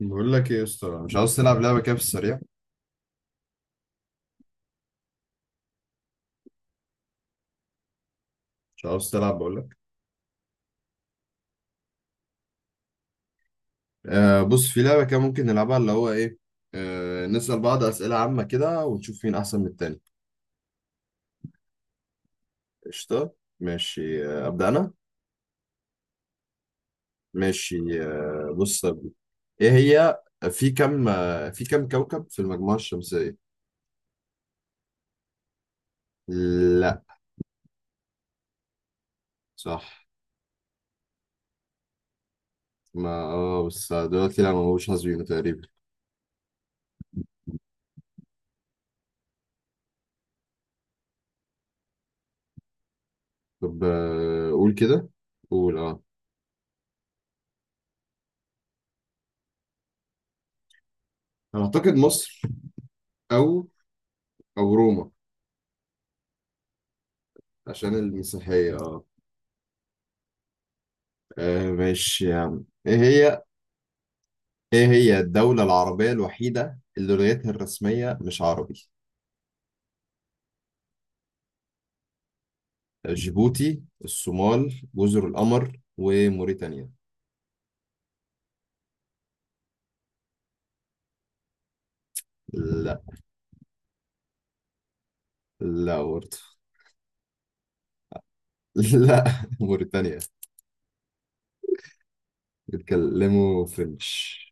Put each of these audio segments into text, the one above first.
بقول لك ايه يا اسطى، مش عاوز تلعب لعبه كده في السريع؟ مش عاوز تلعب بقول لك. آه بص، في لعبه كده ممكن نلعبها، اللي هو ايه، نسال بعض اسئله عامه كده ونشوف مين احسن من التاني. قشطه. ماشي، ابدا انا. ماشي، بص يا ابني. ايه هي؟ في كم كوكب في المجموعه الشمسيه؟ لا. صح. ما بس دلوقتي لا، ما هوش حاسبينه تقريبا. طب قول كده. قول انا اعتقد مصر. او. او روما. عشان المسيحيه، اه. ماشي يا عم، ايه هي؟ ايه هي الدولة العربية الوحيدة اللي لغتها الرسمية مش عربي؟ جيبوتي، الصومال، جزر القمر، وموريتانيا. لا. لا برضه. لا. موريتانيا. بيتكلموا فرنش.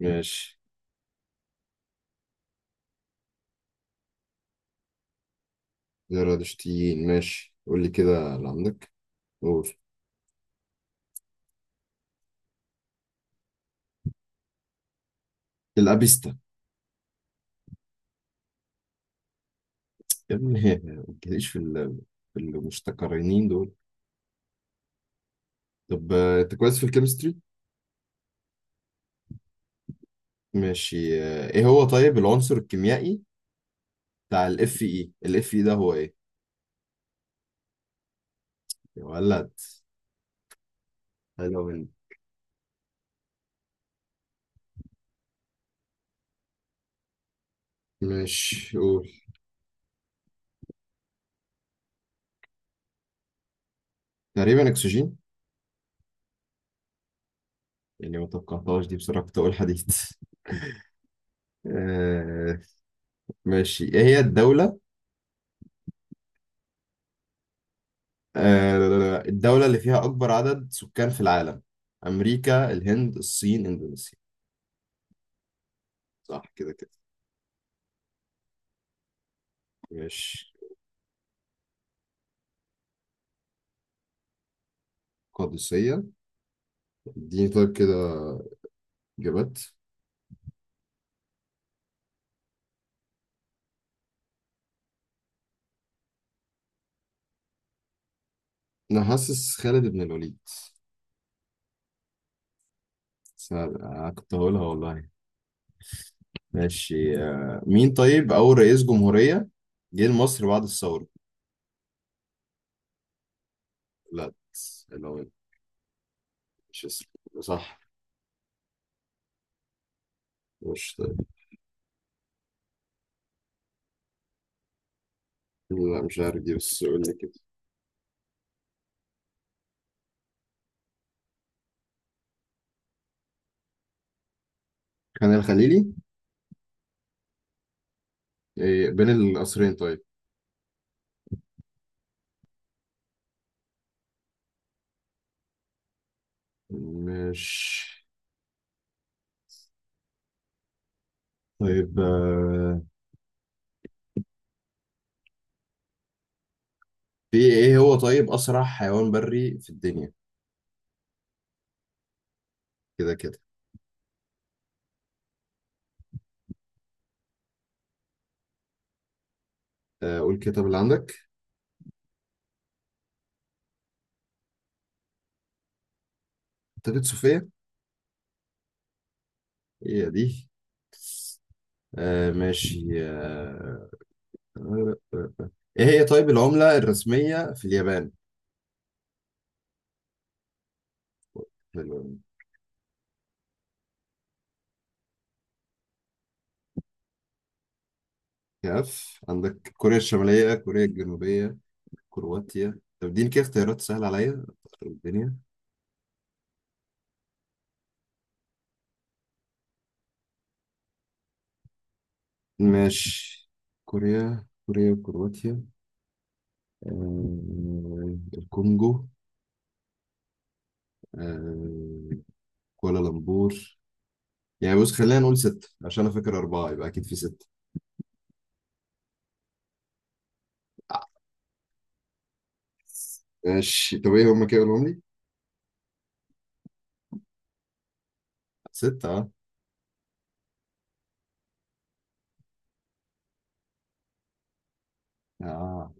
ماشي. زرادشتيين. ماشي، قول لي كده اللي عندك. قول. الأبيستا. يا ابني ما تجيليش في المشتقرنين دول. طب انت كويس في الكيمستري. ماشي، ايه هو طيب العنصر الكيميائي بتاع الاف اي ده؟ هو ايه؟ يا ولد. حلو مني. مش قول. تقريبا اكسجين. يعني ما توقعتهاش دي بصراحة، كنت اقول حديد آه. ماشي، ايه هي الدولة، آه لا، لا، لا، الدولة اللي فيها اكبر عدد سكان في العالم؟ امريكا، الهند، الصين، اندونيسيا. صح كده كده. ماشي. قادسية. اديني طيب كده اجابات. انا حاسس خالد بن الوليد. سهل. كنت هقولها والله. ماشي، مين طيب أول رئيس جمهورية جه لمصر بعد الثورة؟ لا. لا، مش اسمه. صح. مش طيب. لا مش عارف دي، بس قول لي كده. كان الخليلي. إيه، بين القصرين طيب. مش طيب. في ايه هو طيب أسرع حيوان بري في الدنيا؟ كده كده. قول كده طب اللي عندك. كتابة صوفيا. هي دي. آه، ماشي آه، ايه هي طيب العملة الرسمية في اليابان؟ كاف. عندك كوريا الشمالية، كوريا الجنوبية، كرواتيا. طب اديني كده اختيارات سهلة عليا أخرب الدنيا. ماشي. كوريا، كوريا، وكرواتيا. الكونجو. آه... كوالالمبور. يعني بص، خلينا نقول ستة، عشان أنا فاكر أربعة يبقى أكيد في ستة. آه، ماشي، طب إيه هما كده قولهم لي؟ ستة، أه. آه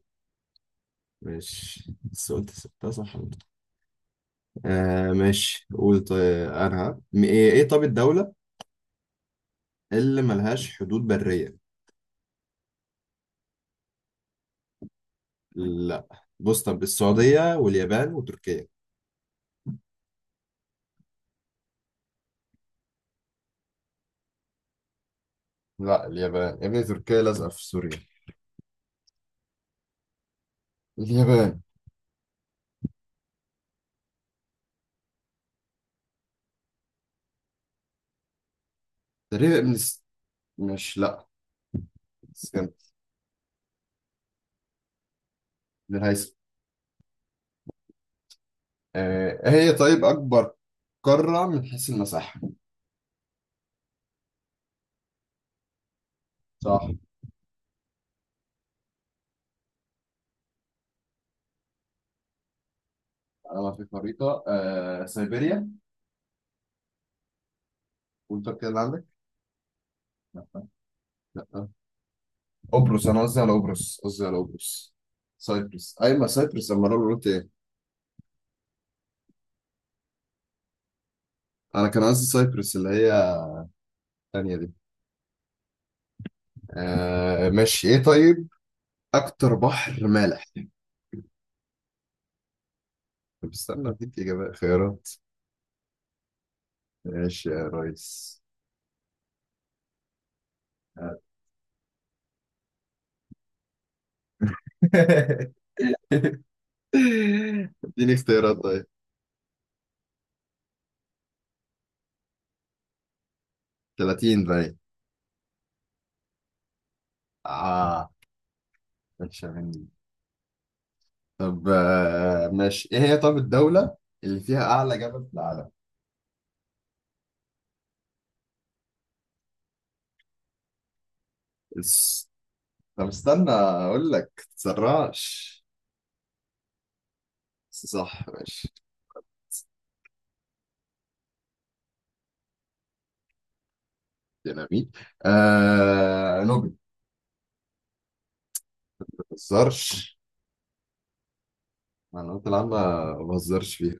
ماشي، بس قلت ستة صح برضه. ماشي، قول طيب. أنا م- إيه إيه طب الدولة اللي ملهاش حدود برية؟ لا. بص، طب السعودية واليابان وتركيا. لا اليابان يا ابني، تركيا لازقة في سوريا. اليابان. تقريبا ابن س... مش لا، اسكندر. ابن الهيثم. هي طيب أكبر قارة من حيث المساحة؟ صح. أنا في خريطة، آه سيبيريا. وأنت كده اللي عندك؟ لا. لا. قبرص. أنا قصدي على قبرص. سايبرس أيوة، ما سايبرس، أما أنا قلت إيه؟ أنا كان قصدي سايبرس، اللي هي الثانية دي. ماشي، إيه طيب أكتر بحر مالح؟ طب استنى أديك إجابة خيارات. ماشي يا ريس. اديني اختيارات طيب. 30 باين. آه، ماشي مني. طب آه، ماشي إيه هي طب الدولة اللي فيها أعلى جبل في العالم؟ الس- طب استنى أقول لك، متتسرعش. بس صح ماشي. ديناميت. آه نوبل. ما بهزرش. معلومات العامة، ما بهزرش فيها.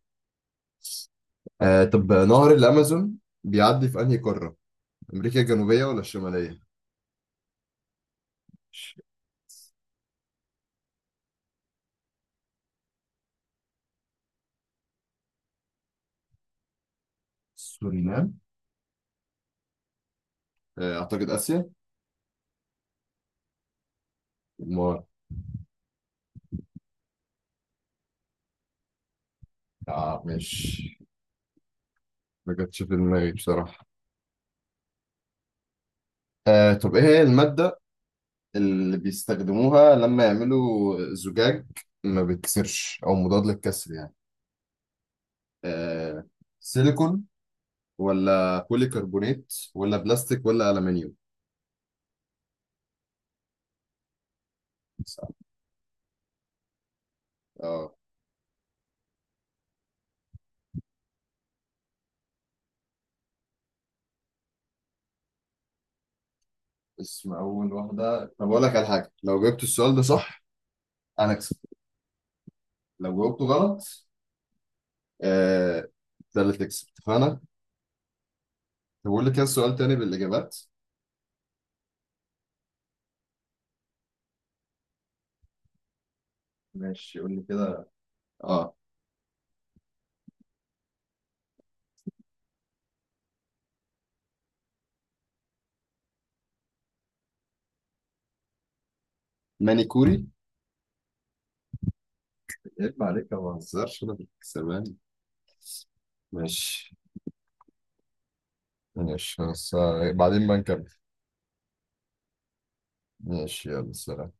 طب نهر الأمازون بيعدي في أنهي قارة؟ أمريكا الجنوبية ولا الشمالية؟ سورينام. أعتقد آسيا. ما آه مش ما جاتش في دماغي بصراحة. طب إيه هي المادة اللي بيستخدموها لما يعملوا زجاج ما بيتكسرش، أو مضاد للكسر يعني؟ آه، سيليكون، ولا بوليكربونات، ولا بلاستيك، ولا ألمنيوم. صح. اه. اسم أول واحدة؟ طب أقول لك على حاجة، لو جبت السؤال ده صح أنا أكسب، لو جاوبته غلط. آه. ده اللي تكسب، اتفقنا؟ طب بقول لك كده سؤال تاني بالإجابات. ماشي قول لي كده. اه. مانيكوري. عيب عليك يا ما مان. بهزرش، أنا بالكسبان. ماشي. ماشي، بس بعدين بنكمل. ماشي، يلا سلام.